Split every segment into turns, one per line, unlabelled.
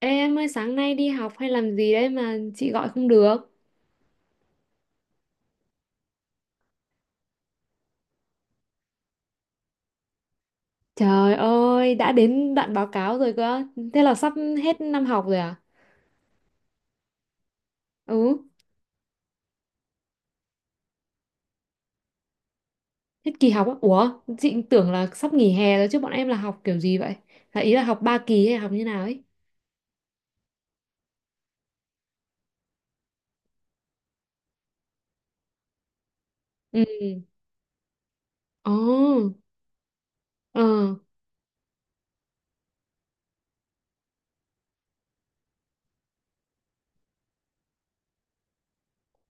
Ê em ơi sáng nay đi học hay làm gì đấy mà chị gọi không được? Trời ơi, đã đến đoạn báo cáo rồi cơ. Thế là sắp hết năm học rồi à? Ừ, hết kỳ học á. Ủa, chị tưởng là sắp nghỉ hè rồi chứ bọn em là học kiểu gì vậy? Là ý là học ba kỳ hay học như nào ấy? Ừ. Ồ, ờ.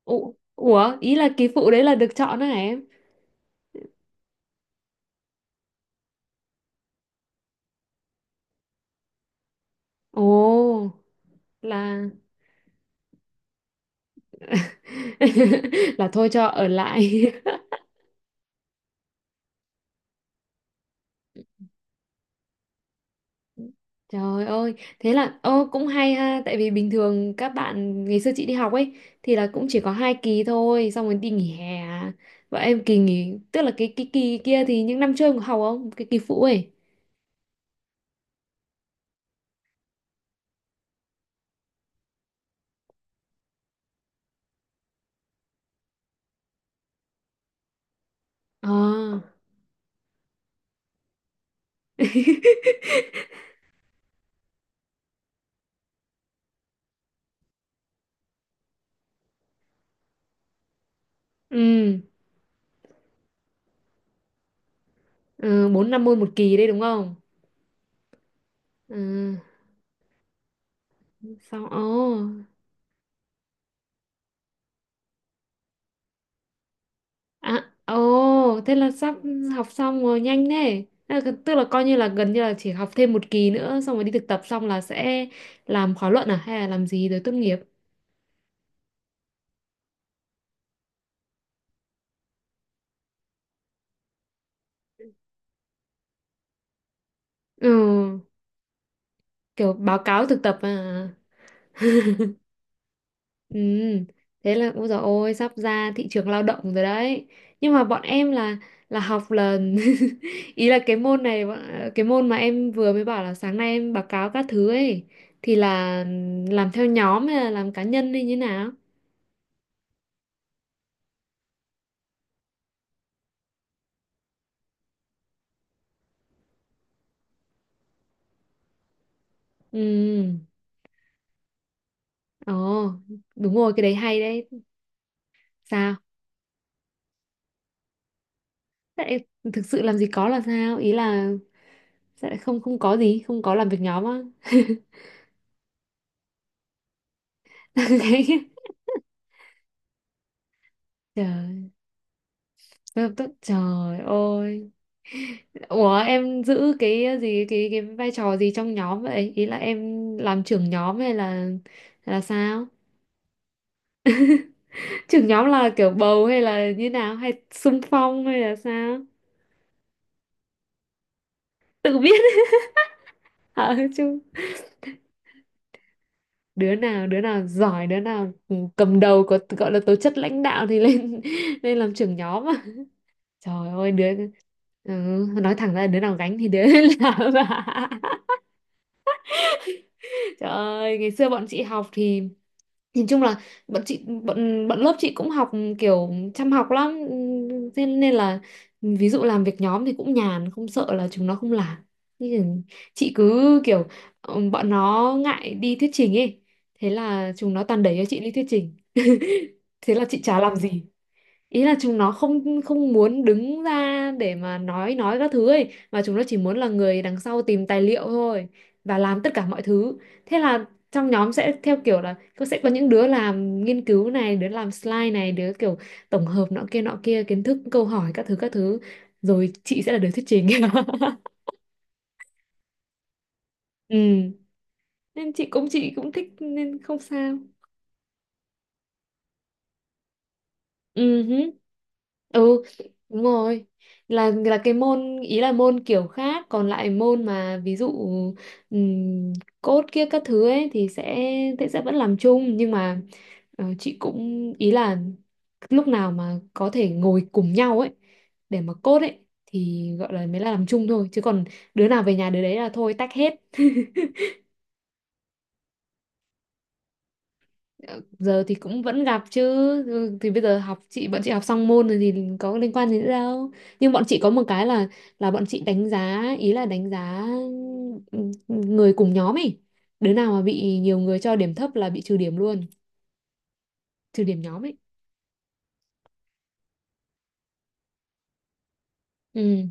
Ủa, ủa, ý là kỳ phụ đấy là được chọn đó hả em? Ồ, là là thôi cho ở lại. Trời ơi, thế là ô cũng hay ha, tại vì bình thường các bạn ngày xưa chị đi học ấy thì là cũng chỉ có hai kỳ thôi, xong rồi đi nghỉ hè. Và em kỳ nghỉ, tức là cái kỳ kia thì những năm trước em có học không? Cái kỳ phụ ấy. À. Ừ, ừ, 4 năm môn một kỳ đấy đúng không? Ừ, xong ồ. À, ồ, thế là sắp học xong rồi nhanh thế. À, tức là coi như là gần như là chỉ học thêm một kỳ nữa xong rồi đi thực tập xong là sẽ làm khóa luận à hay là làm gì rồi tốt nghiệp. Ừ, kiểu báo cáo thực tập à. Ừ, thế là ôi dồi ôi sắp ra thị trường lao động rồi đấy. Nhưng mà bọn em là học là ý là cái môn này bọn- cái môn mà em vừa mới bảo là sáng nay em báo cáo các thứ ấy thì là làm theo nhóm hay là làm cá nhân hay như nào? Ừ. Ồ, đúng rồi, cái đấy hay đấy. Sao? Thế lại thực sự làm gì có là sao? Ý là sẽ lại không không có gì, không có làm việc nhóm á. Đấy. Trời, tôi, trời ơi. Ủa em giữ cái gì cái vai trò gì trong nhóm vậy? Ý là em làm trưởng nhóm hay là sao? Trưởng nhóm là kiểu bầu hay là như nào hay xung phong hay là sao? Tự biết hả chứ. Đứa nào đứa nào giỏi đứa nào ừ, cầm đầu có gọi là tố chất lãnh đạo thì lên lên làm trưởng nhóm mà trời ơi đứa ừ, nói thẳng ra là đứa nào gánh thì đứa ấy làm ạ. Trời ơi ngày xưa bọn chị học thì nhìn chung là bọn lớp chị cũng học kiểu chăm học lắm. Thế nên là ừ, ví dụ làm việc nhóm thì cũng nhàn không sợ là chúng nó không làm. Nhưng chị cứ kiểu ừ, bọn nó ngại đi thuyết trình ấy, thế là chúng nó toàn đẩy cho chị đi thuyết trình. Thế là chị chả làm gì, ý là chúng nó không không muốn đứng ra để mà nói các thứ ấy mà chúng nó chỉ muốn là người đằng sau tìm tài liệu thôi và làm tất cả mọi thứ. Thế là trong nhóm sẽ theo kiểu là có sẽ có những đứa làm nghiên cứu này đứa làm slide này đứa kiểu tổng hợp nọ kia kiến thức câu hỏi các thứ các thứ, rồi chị sẽ là đứa thuyết trình ừ, nên chị cũng thích nên không sao. Ừ, hứ. Ừ, đúng rồi, là cái môn ý là môn kiểu khác còn lại môn mà ví dụ ừm, code kia các thứ ấy thì sẽ vẫn làm chung nhưng mà chị cũng ý là lúc nào mà có thể ngồi cùng nhau ấy để mà code ấy thì gọi là mới là làm chung thôi, chứ còn đứa nào về nhà đứa đấy là thôi tách hết. Giờ thì cũng vẫn gặp chứ. Ừ, thì bây giờ học chị bọn chị học xong môn rồi thì có liên quan gì nữa đâu, nhưng bọn chị có một cái là bọn chị đánh giá ý là đánh giá ừ, người cùng nhóm ấy, đứa nào mà bị nhiều người cho điểm thấp là bị trừ điểm luôn, trừ điểm nhóm ấy. Ừ.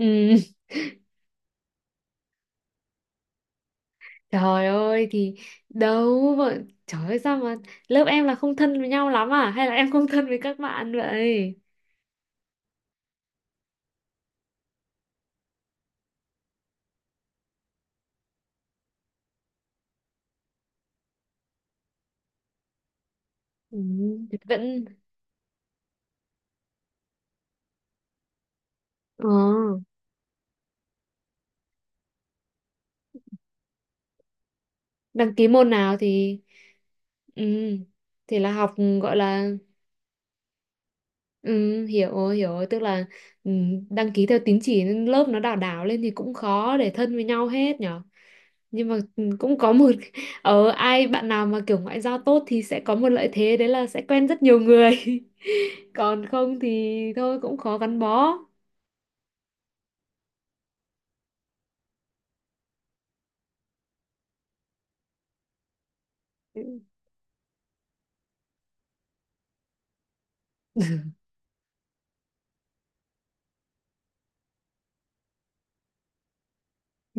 Ừ. Trời ơi thì đâu mà, trời ơi sao mà lớp em là không thân với nhau lắm à hay là em không thân với các bạn vậy? Ừ, vẫn ờ, đăng ký môn nào thì ừ, thì là học gọi là ừ, hiểu rồi, hiểu rồi. Tức là ừ, đăng ký theo tín chỉ nên lớp nó đảo đảo lên thì cũng khó để thân với nhau hết nhở. Nhưng mà ừ, cũng có một ở ai bạn nào mà kiểu ngoại giao tốt thì sẽ có một lợi thế đấy là sẽ quen rất nhiều người. Còn không thì thôi cũng khó gắn bó.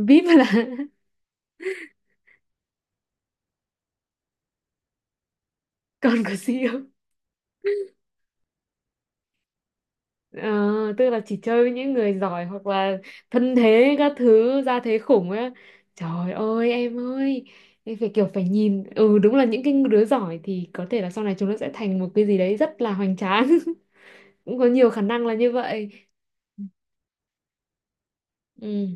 VIP là còn có gì không? Ờ, tức là chỉ chơi với những người giỏi hoặc là thân thế các thứ ra thế khủng á, trời ơi em phải kiểu phải nhìn, ừ, đúng là những cái đứa giỏi thì có thể là sau này chúng nó sẽ thành một cái gì đấy rất là hoành tráng. Cũng có nhiều khả năng là như vậy. Ừ.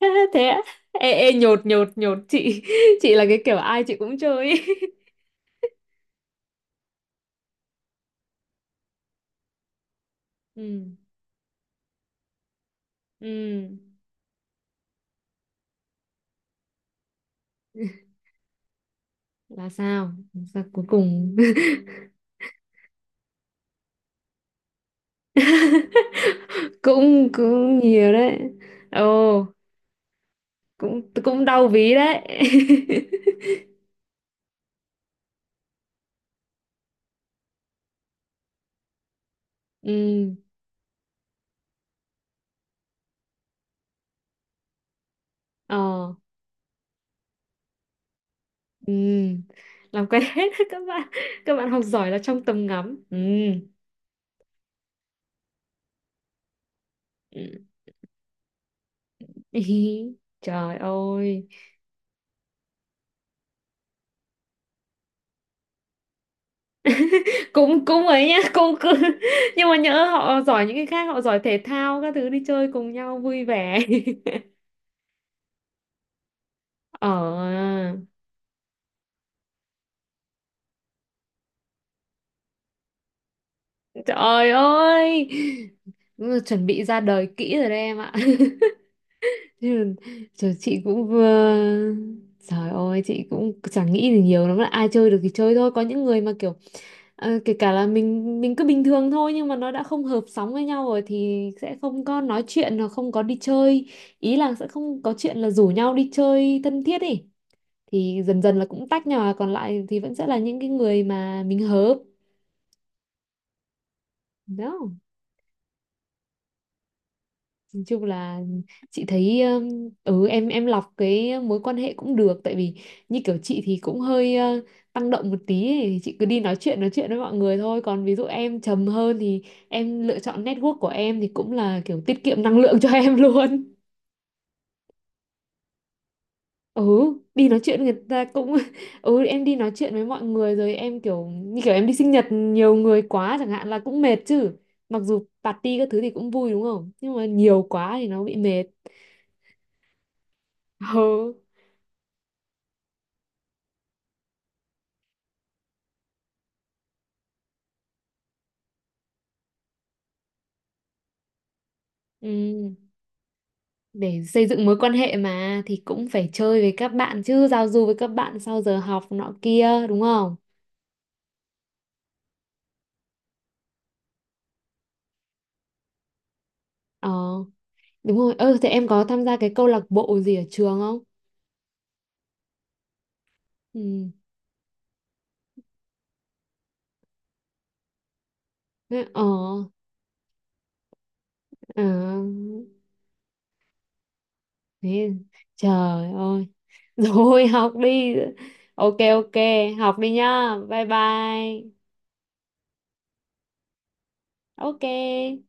Thế á? Ê, ê, nhột nhột nhột chị. Chị là cái kiểu ai chị cũng chơi ý. Ừ. Ừ là sao, sao cuối cùng? Cũng cũng nhiều đấy. Ồ, cũng cũng đau ví đấy. Ừ. Ờ. Ừ, làm quen hết các bạn, các bạn học giỏi là trong tầm ngắm. Ừ. Ừ. Ý, trời ơi cũng cũng ấy nhá cũng cứ. Nhưng mà nhỡ họ giỏi những cái khác, họ giỏi thể thao các thứ đi chơi cùng nhau vui vẻ. Ờ, trời ơi chuẩn bị ra đời kỹ rồi đấy em ạ. Thế là, rồi chị cũng vừa, trời ơi chị cũng chẳng nghĩ gì nhiều lắm, là ai chơi được thì chơi thôi, có những người mà kiểu kể cả là mình cứ bình thường thôi nhưng mà nó đã không hợp sóng với nhau rồi thì sẽ không có nói chuyện hoặc không có đi chơi, ý là sẽ không có chuyện là rủ nhau đi chơi thân thiết ý, thì dần dần là cũng tách nhỏ còn lại thì vẫn sẽ là những cái người mà mình hợp. Đó. Nói chung là chị thấy ừ, em lọc cái mối quan hệ cũng được, tại vì như kiểu chị thì cũng hơi tăng động một tí ấy. Thì chị cứ đi nói chuyện với mọi người thôi, còn ví dụ em trầm hơn thì em lựa chọn network của em thì cũng là kiểu tiết kiệm năng lượng cho em luôn. Ừ, đi nói chuyện người ta cũng ừ, em đi nói chuyện với mọi người rồi em kiểu như kiểu em đi sinh nhật nhiều người quá chẳng hạn là cũng mệt chứ. Mặc dù party các thứ thì cũng vui đúng không? Nhưng mà nhiều quá thì nó bị mệt. Ừ. Ừ, để xây dựng mối quan hệ mà thì cũng phải chơi với các bạn chứ, giao du với các bạn sau giờ học nọ kia đúng không? Ờ, đúng rồi, ơ thế em có tham gia cái câu lạc bộ gì ở trường không? Ừ, thế- ờ, ờ thế, trời ơi. Rồi học đi. Ok, ok, học đi nhá, bye bye. Ok.